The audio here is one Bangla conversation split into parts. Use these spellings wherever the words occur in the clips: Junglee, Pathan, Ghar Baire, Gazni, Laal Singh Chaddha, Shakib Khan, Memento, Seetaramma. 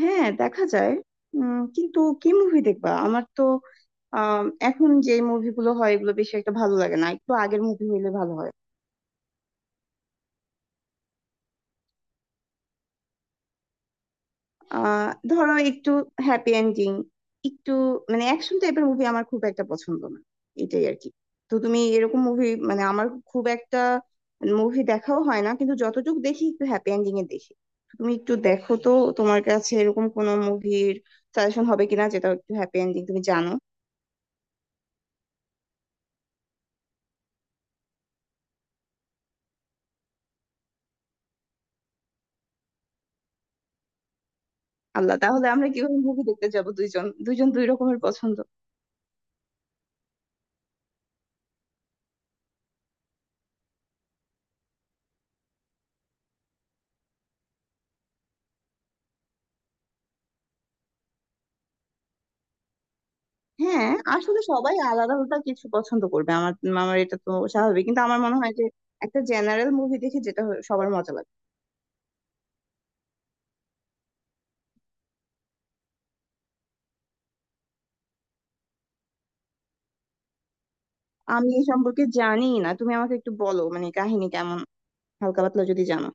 হ্যাঁ, দেখা যায়। কিন্তু কি মুভি দেখবা? আমার তো আম, এখন যে মুভিগুলো হয় এগুলো বেশি একটা ভালো লাগে না, একটু আগের মুভি হইলে ভালো হয়। ধরো, একটু হ্যাপি এন্ডিং, একটু মানে অ্যাকশন টাইপের মুভি আমার খুব একটা পছন্দ না, এটাই আর কি। তো তুমি এরকম মুভি মানে আমার খুব একটা মুভি দেখাও হয় না, কিন্তু যতটুকু দেখি একটু হ্যাপি এন্ডিং এ দেখি। তুমি একটু দেখো তো, তোমার কাছে এরকম কোনো মুভির সাজেশন হবে কিনা, যেটা একটু হ্যাপি এন্ডিং, তুমি জানো। আল্লাহ, তাহলে আমরা কিভাবে মুভি দেখতে যাব? দুইজন দুইজন দুই রকমের পছন্দ। হ্যাঁ, আসলে সবাই আলাদা আলাদা কিছু পছন্দ করবে, আমার আমার এটা তো স্বাভাবিক, কিন্তু আমার মনে হয় যে একটা জেনারেল মুভি দেখে, যেটা হয় সবার মজা লাগে। আমি এই সম্পর্কে জানি না, তুমি আমাকে একটু বলো মানে কাহিনী কেমন, হালকা পাতলা যদি জানো।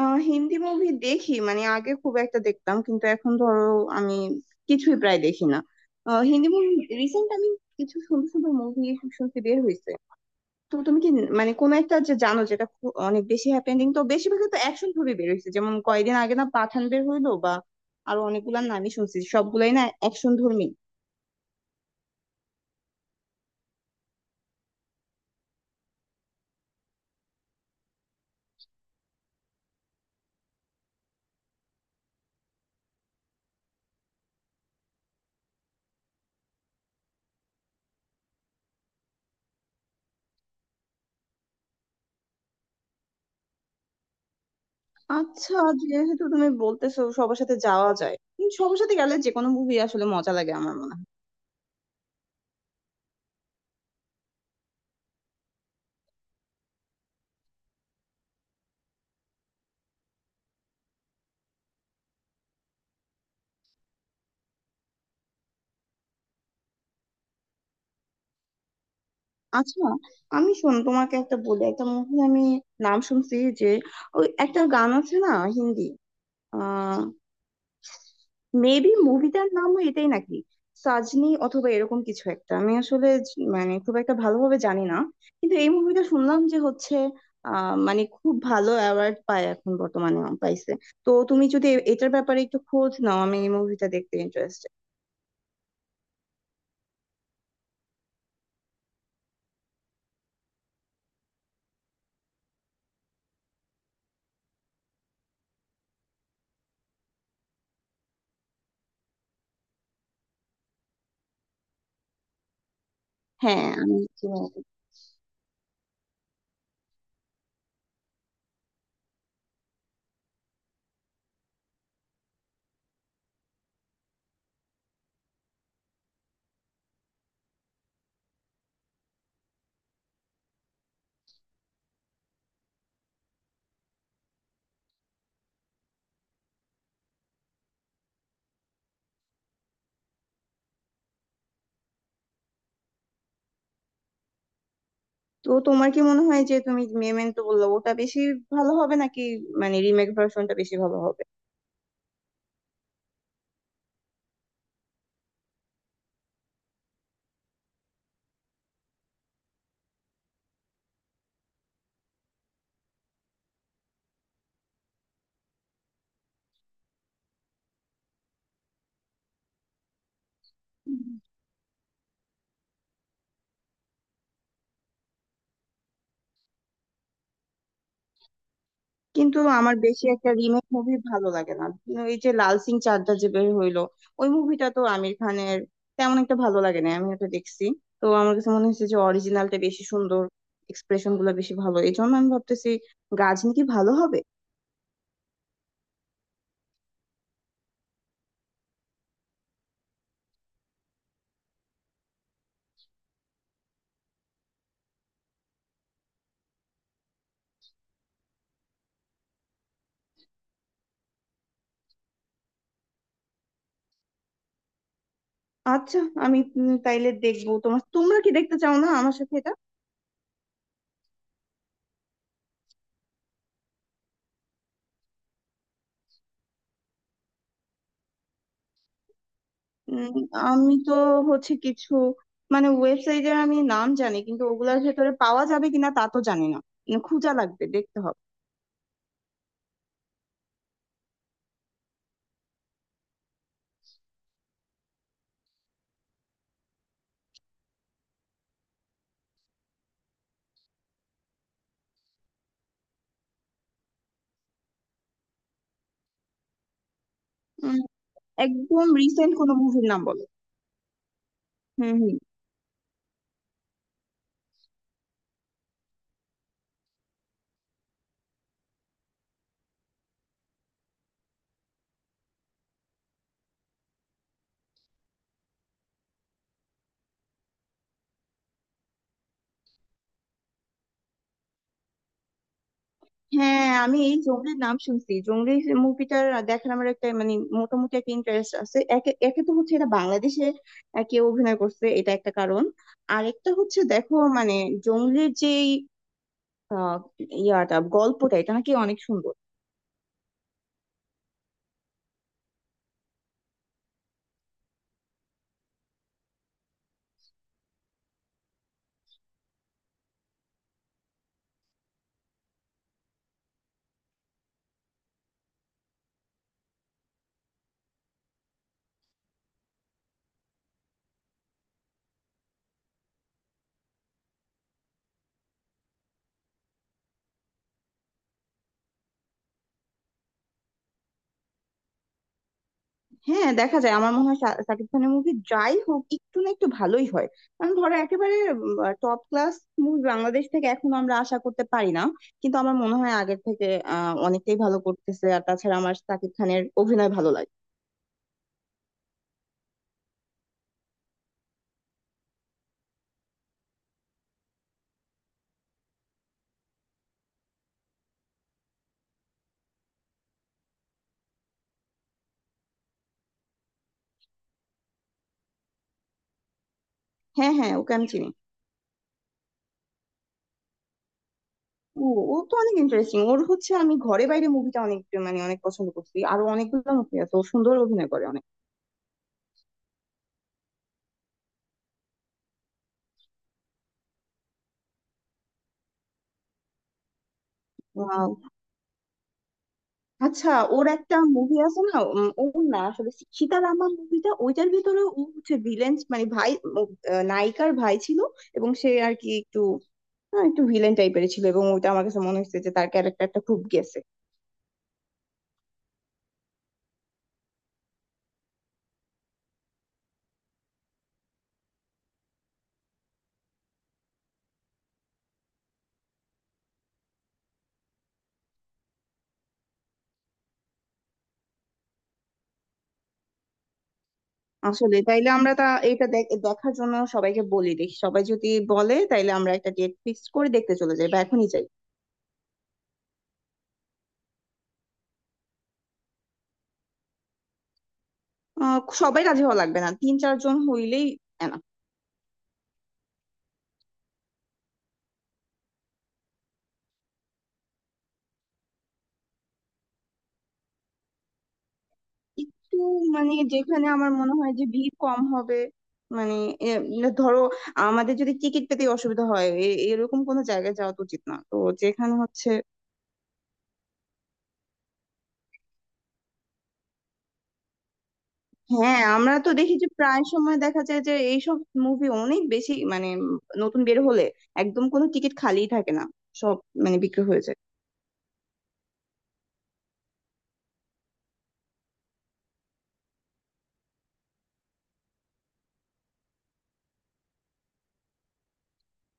হিন্দি মুভি দেখি, মানে আগে খুব একটা দেখতাম কিন্তু এখন ধরো আমি কিছুই প্রায় দেখি না। হিন্দি মুভি রিসেন্ট আমি কিছু সুন্দর সুন্দর মুভি শুনতে বের হয়েছে। তো তুমি কি মানে কোন একটা, যে জানো, যেটা অনেক বেশি হ্যাপেনিং? তো বেশিরভাগই তো অ্যাকশন মুভি বের হয়েছে, যেমন কয়েকদিন আগে না পাঠান বের হইলো, বা আরো অনেকগুলা নামই শুনছি, সবগুলাই না অ্যাকশন ধর্মী। আচ্ছা, যেহেতু তুমি বলতেছো সবার সাথে যাওয়া যায়, সবার সাথে গেলে যে কোনো মুভি আসলে মজা লাগে আমার মনে হয়। আচ্ছা আমি শোন, তোমাকে একটা বলি, একটা মুভি আমি নাম শুনছি, যে ওই একটা গান আছে না হিন্দি, মেবি মুভিটার নামও এটাই নাকি সাজনি অথবা এরকম কিছু একটা, আমি আসলে মানে খুব একটা ভালোভাবে জানি না, কিন্তু এই মুভিটা শুনলাম যে হচ্ছে মানে খুব ভালো অ্যাওয়ার্ড পায় এখন বর্তমানে, পাইছে। তো তুমি যদি এটার ব্যাপারে একটু খোঁজ নাও, আমি এই মুভিটা দেখতে ইন্টারেস্টেড। হ্যাঁ, আমি চিনি এটা। তো তোমার কি মনে হয় যে, তুমি মেমেন্টো বললো, ওটা বেশি ভালো হবে নাকি মানে রিমেক ভার্সনটা বেশি ভালো হবে? কিন্তু আমার বেশি একটা রিমেক মুভি ভালো লাগে না, কিন্তু এই যে লাল সিং চাড্ডা যে বের হইলো, ওই মুভিটা তো আমির খানের, তেমন একটা ভালো লাগে না, আমি ওটা দেখছি। তো আমার কাছে মনে হচ্ছে যে অরিজিনালটা বেশি সুন্দর, এক্সপ্রেশন গুলো বেশি ভালো, এই জন্য আমি ভাবতেছি গাজনি কি ভালো হবে। আচ্ছা আমি, তাইলে দেখবো। তোমার তোমরা কি দেখতে চাও না আমার সাথে এটা? উম, আমি তো হচ্ছে কিছু মানে ওয়েবসাইটে আমি নাম জানি, কিন্তু ওগুলার ভেতরে পাওয়া যাবে কিনা তা তো জানি না। খোঁজা লাগবে, দেখতে হবে। একদম রিসেন্ট কোনো মুভির নাম বলো। হুম, হুম। হ্যাঁ আমি এই জংলির নাম শুনছি, জংলি মুভিটার দেখার আমার একটা মানে মোটামুটি একটা ইন্টারেস্ট আছে। একে একে তো হচ্ছে এটা বাংলাদেশে কেউ অভিনয় করছে, এটা একটা কারণ। আরেকটা হচ্ছে দেখো, মানে জংলির যেই আহ, ইয়াটা গল্পটা, এটা নাকি অনেক সুন্দর। হ্যাঁ দেখা যায়, আমার মনে হয় শাকিব খানের মুভি যাই হোক একটু না একটু ভালোই হয়। কারণ ধরো একেবারে টপ ক্লাস মুভি বাংলাদেশ থেকে এখন আমরা আশা করতে পারি না, কিন্তু আমার মনে হয় আগের থেকে অনেকটাই ভালো করতেছে। আর তাছাড়া আমার শাকিব খানের অভিনয় ভালো লাগে। হ্যাঁ হ্যাঁ, ওকে আমি চিনি। ও, ও তো অনেক ইন্টারেস্টিং। ওর হচ্ছে, আমি ঘরে বাইরে মুভিটা অনেক মানে অনেক পছন্দ করছি। আরো অনেকগুলো মুভি আছে, ও সুন্দর অভিনয় করে। অনেক। আচ্ছা ওর একটা মুভি আছে না, ওর না আসলে সীতারামা মুভিটা, ওইটার ভিতরে ও হচ্ছে ভিলেন মানে ভাই, ও, নায়িকার ভাই ছিল এবং সে আর কি একটু একটু ভিলেন টাইপের ছিল, এবং ওইটা আমার কাছে মনে হচ্ছে যে তার ক্যারেক্টারটা খুব গেছে। আসলে তাইলে আমরা তা এটা দেখার জন্য সবাইকে বলি, দেখি সবাই যদি বলে, তাইলে আমরা একটা ডেট ফিক্স করে দেখতে চলে যাই বা এখনই যাই। সবাই রাজি হওয়া লাগবে না, তিন চারজন হইলেই enough। একটু মানে যেখানে আমার মনে হয় যে ভিড় কম হবে। মানে এ, মানে ধরো আমাদের যদি টিকিট পেতে অসুবিধা হয়, এরকম কোনো জায়গায় যাওয়া তো উচিত না, তো যেখানে হচ্ছে। হ্যাঁ, আমরা তো দেখি যে প্রায় সময় দেখা যায় যে এইসব মুভি অনেক বেশি মানে নতুন বের হলে একদম কোনো টিকিট খালিই থাকে না, সব মানে বিক্রি হয়ে যায়।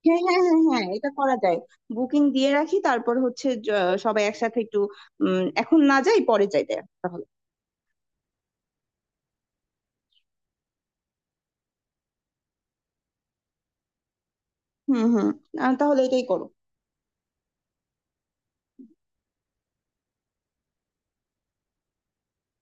হ্যাঁ হ্যাঁ হ্যাঁ হ্যাঁ, এটা করা যায়। বুকিং দিয়ে রাখি, তারপর হচ্ছে সবাই একসাথে একটু এখন না যাই পরে যাই দেখ তাহলে। হুম হুম। তাহলে এটাই করো।